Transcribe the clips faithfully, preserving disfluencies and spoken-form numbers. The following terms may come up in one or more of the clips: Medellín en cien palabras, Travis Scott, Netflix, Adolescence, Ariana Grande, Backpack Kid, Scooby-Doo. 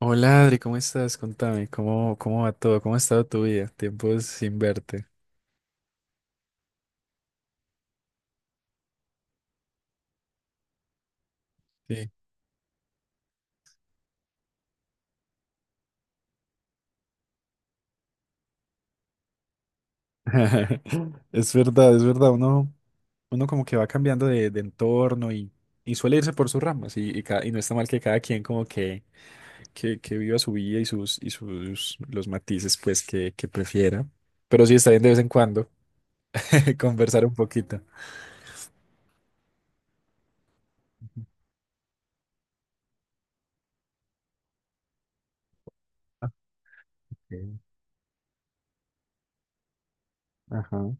Hola Adri, ¿cómo estás? Contame, ¿cómo, cómo va todo? ¿Cómo ha estado tu vida? Tiempo sin verte. Sí. Es verdad, es verdad. Uno, uno como que va cambiando de, de entorno y, y suele irse por sus ramas y, y, ca- y no está mal que cada quien como que, que, que viva su vida y sus, y sus los matices pues que, que prefiera. Pero sí está bien de vez en cuando conversar un poquito. Sí. Ajá,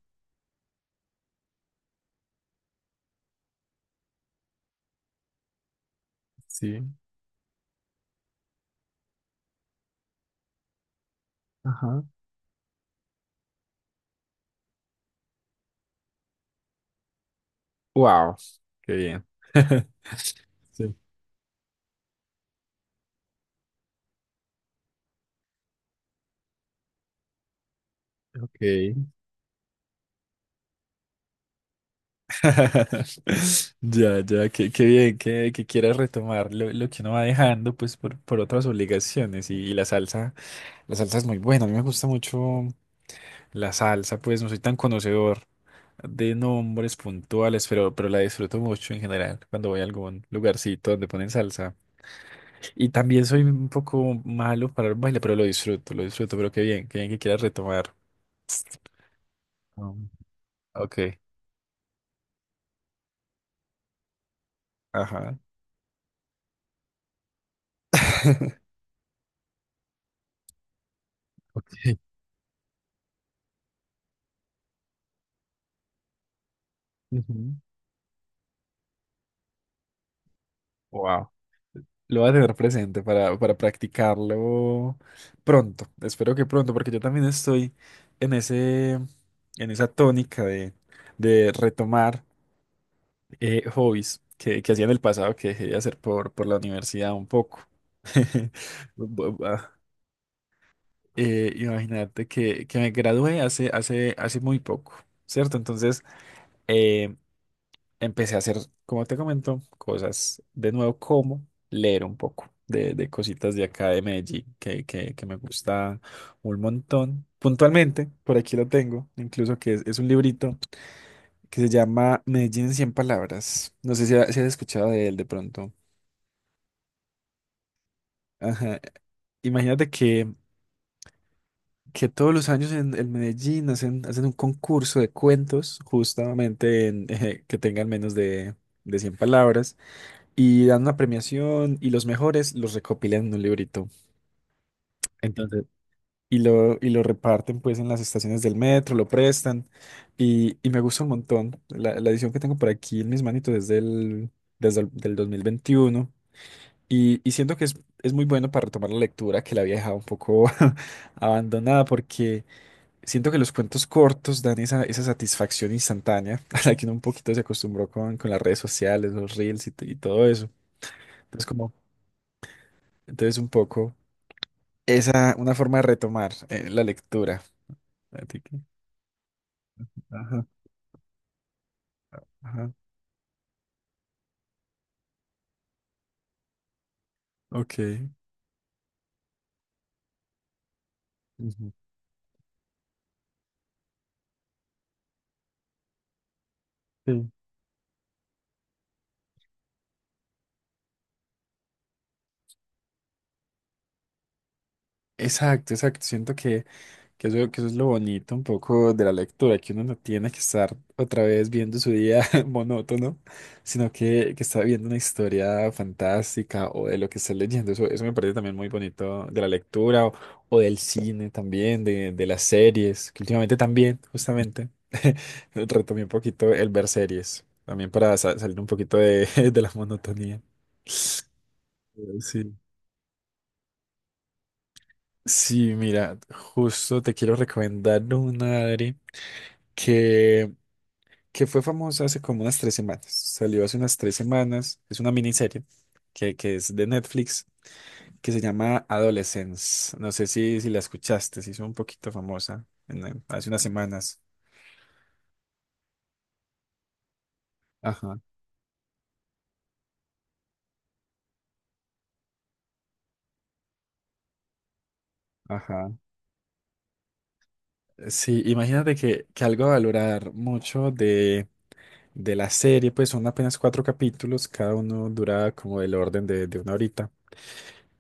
sí. Ajá. Wow, qué bien. Sí. Ok. Ya, ya, qué, qué bien que, que quieras retomar lo, lo que uno va dejando pues por, por otras obligaciones y, y la salsa, la salsa es muy buena, a mí me gusta mucho la salsa, pues no soy tan conocedor de nombres puntuales, pero, pero la disfruto mucho en general cuando voy a algún lugarcito donde ponen salsa. Y también soy un poco malo para el baile, pero lo disfruto, lo disfruto, pero qué bien, qué bien que quieras retomar. Um, ok, ajá. Ok. Wow. Lo voy a tener presente para, para practicarlo pronto. Espero que pronto, porque yo también estoy en ese, en esa tónica de, de retomar eh, hobbies que, que hacía en el pasado, que dejé de hacer por, por la universidad un poco. Bu- bu- ah, eh, imagínate que, que me gradué hace, hace, hace muy poco, ¿cierto? Entonces, eh, empecé a hacer, como te comento, cosas de nuevo, como leer un poco de, de cositas de acá de Medellín, que, que, que me gusta un montón. Puntualmente, por aquí lo tengo, incluso que es, es un librito que se llama Medellín en cien palabras. No sé si, ha- si has escuchado de él de pronto. Ajá. Imagínate que, que todos los años en, en Medellín hacen, hacen un concurso de cuentos, justamente en, que tengan menos de, de cien palabras. Y dan una premiación y los mejores los recopilan en un librito. Entonces, y lo, y lo reparten pues en las estaciones del metro, lo prestan y, y me gusta un montón. La, la edición que tengo por aquí en mis manitos es del, desde el del dos mil veintiuno y, y siento que es, es muy bueno para retomar la lectura que la había dejado un poco abandonada porque siento que los cuentos cortos dan esa, esa satisfacción instantánea a la que uno un poquito se acostumbró con, con las redes sociales, los reels y, t- y todo eso. Entonces como, entonces un poco... Esa, una forma de retomar eh, la lectura. Fíjate que- Ajá, ajá, ok. Ujú. Sí. Exacto, exacto. Siento que Que eso, que eso es lo bonito un poco de la lectura, que uno no tiene que estar otra vez viendo su día monótono, sino que, que está viendo una historia fantástica o de lo que está leyendo. Eso, eso me parece también muy bonito de la lectura o, o del cine también, de, de las series, que últimamente también, justamente, retomé un poquito el ver series, también para sa- salir un poquito de, de la monotonía. Eh, Sí. Sí, mira, justo te quiero recomendar una, Adri, que que fue famosa hace como unas tres semanas. Salió hace unas tres semanas. Es una miniserie que, que es de Netflix que se llama Adolescence. No sé si, si la escuchaste, se hizo un poquito famosa en- hace unas semanas. Ajá, ajá. Sí, imagínate que, que algo a valorar mucho de, de la serie, pues son apenas cuatro capítulos, cada uno dura como el orden de, de una horita.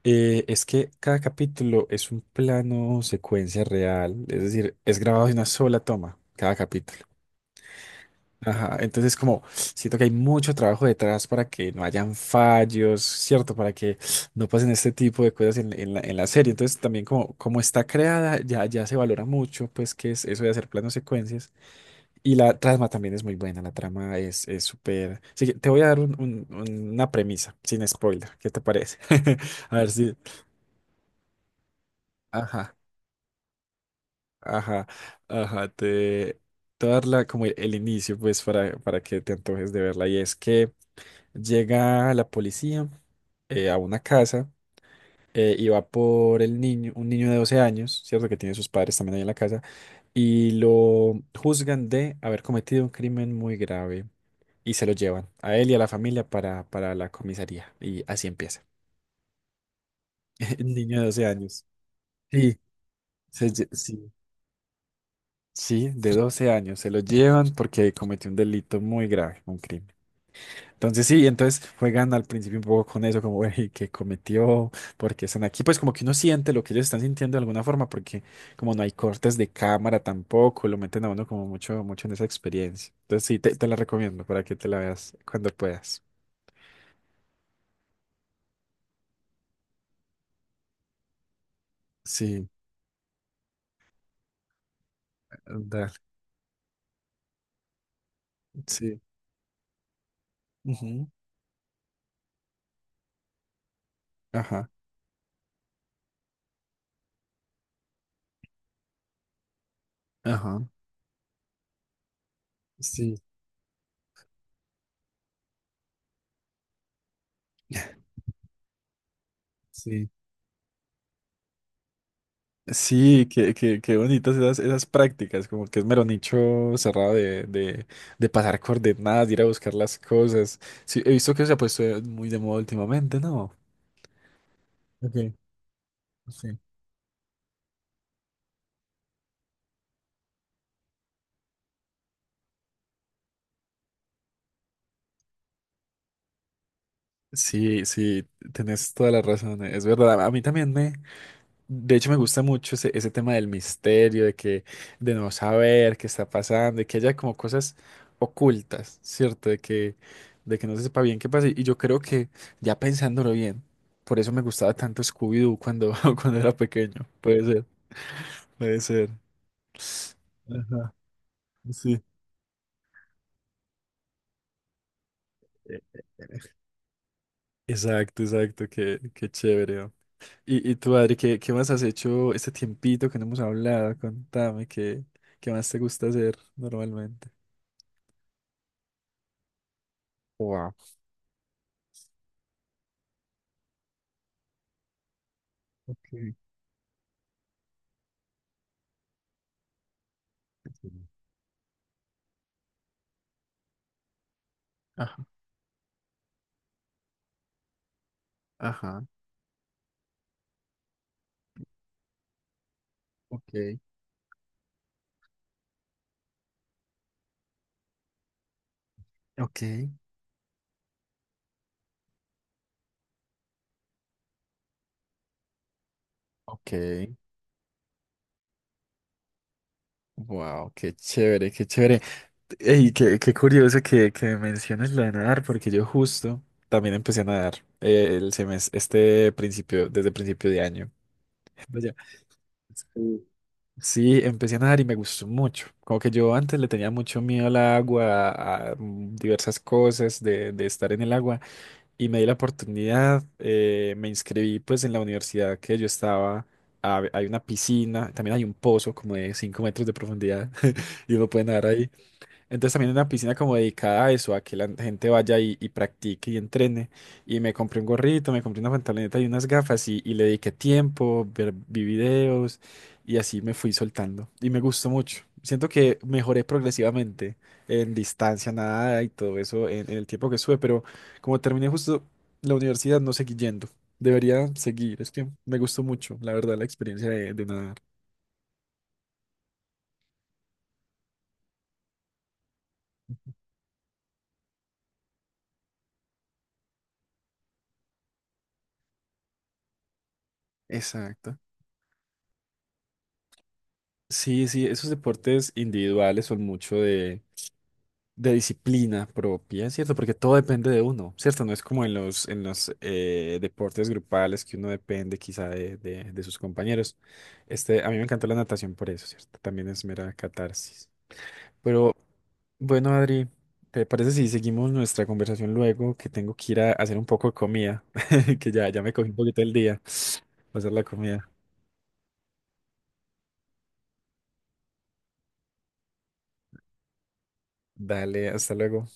Eh, es que cada capítulo es un plano secuencia real, es decir, es grabado de una sola toma, cada capítulo. Ajá, entonces como siento que hay mucho trabajo detrás para que no hayan fallos, ¿cierto? Para que no pasen este tipo de cosas en, en la, en la serie. Entonces también como, como está creada, ya, ya se valora mucho, pues que es eso de hacer planos secuencias. Y la trama también es muy buena, la trama es es súper... Así que te voy a dar un- un- una premisa, sin spoiler, ¿qué te parece? A ver si... Ajá, ajá, ajá, te, te voy a dar la- como el, el inicio, pues, para, para que te antojes de verla. Y es que... Llega la policía eh, a una casa eh, y va por el niño, un niño de doce años, ¿cierto? Que tiene sus padres también ahí en la casa, y lo juzgan de haber cometido un crimen muy grave y se lo llevan a él y a la familia para, para la comisaría. Y así empieza. El niño de doce años. Sí, se lle- sí, sí, de doce años. Se lo llevan porque cometió un delito muy grave, un crimen. Entonces sí, entonces juegan al principio un poco con eso, como, que ¿qué cometió? ¿Porque están aquí? Pues como que uno siente lo que ellos están sintiendo de alguna forma, porque como no hay cortes de cámara tampoco, lo meten a uno como mucho, mucho en esa experiencia. Entonces sí, te, te la recomiendo para que te la veas cuando puedas. Sí, dale, sí. Ujú. Ajá, ajá, sí, sí. Sí, qué, qué, qué bonitas esas, esas prácticas, como que es mero nicho cerrado de, de, de pasar coordenadas, de ir a buscar las cosas. Sí, he visto que se ha puesto muy de moda últimamente, ¿no? Ok, sí. Sí, sí, tenés toda la razón, es verdad. A mí también me De hecho, me gusta mucho ese, ese tema del misterio, de que, de no saber qué está pasando, de que haya como cosas ocultas, ¿cierto? De que, de que no se sepa bien qué pasa. Y yo creo que, ya pensándolo bien, por eso me gustaba tanto Scooby-Doo cuando, cuando era pequeño. Puede ser, puede ser. Ajá, sí. E- Exacto, exacto, qué, qué chévere. ¿No? Y, y tú, Adri, ¿qué, qué más has hecho este tiempito que no hemos hablado? Contame, ¿qué, qué más te gusta hacer normalmente? Wow. Sí. Ajá, ajá, ok, ok, ok. Wow, qué chévere, qué chévere. Y qué, qué curioso que, que menciones lo de nadar, porque yo justo también empecé a nadar eh, el semestre, este principio, desde principio de año. Vaya. Sí, sí, empecé a nadar y me gustó mucho. Como que yo antes le tenía mucho miedo al agua, a mm, diversas cosas de, de estar en el agua. Y me di la oportunidad, eh, me inscribí pues en la universidad que yo estaba, hab- hay una piscina, también hay un pozo como de cinco metros de profundidad y uno puede nadar ahí. Entonces también una piscina como dedicada a eso, a que la gente vaya y, y practique y entrene. Y me compré un gorrito, me compré una pantaloneta y unas gafas y, y le dediqué tiempo, ver, vi videos y así me fui soltando. Y me gustó mucho. Siento que mejoré progresivamente en distancia, nada y todo eso en, en el tiempo que estuve, pero como terminé justo la universidad no seguí yendo. Debería seguir, es que me gustó mucho, la verdad, la experiencia de, de nadar. Exacto. Sí, sí, esos deportes individuales son mucho de de disciplina propia, ¿cierto? Porque todo depende de uno, ¿cierto? No es como en los, en los eh, deportes grupales que uno depende quizá de, de- de sus compañeros. Este, a mí me encantó la natación por eso, ¿cierto? También es mera catarsis. Pero bueno, Adri, ¿te parece si seguimos nuestra conversación luego? Que tengo que ir a hacer un poco de comida, que ya, ya me cogí un poquito el día, va a hacer la comida. Dale, hasta luego.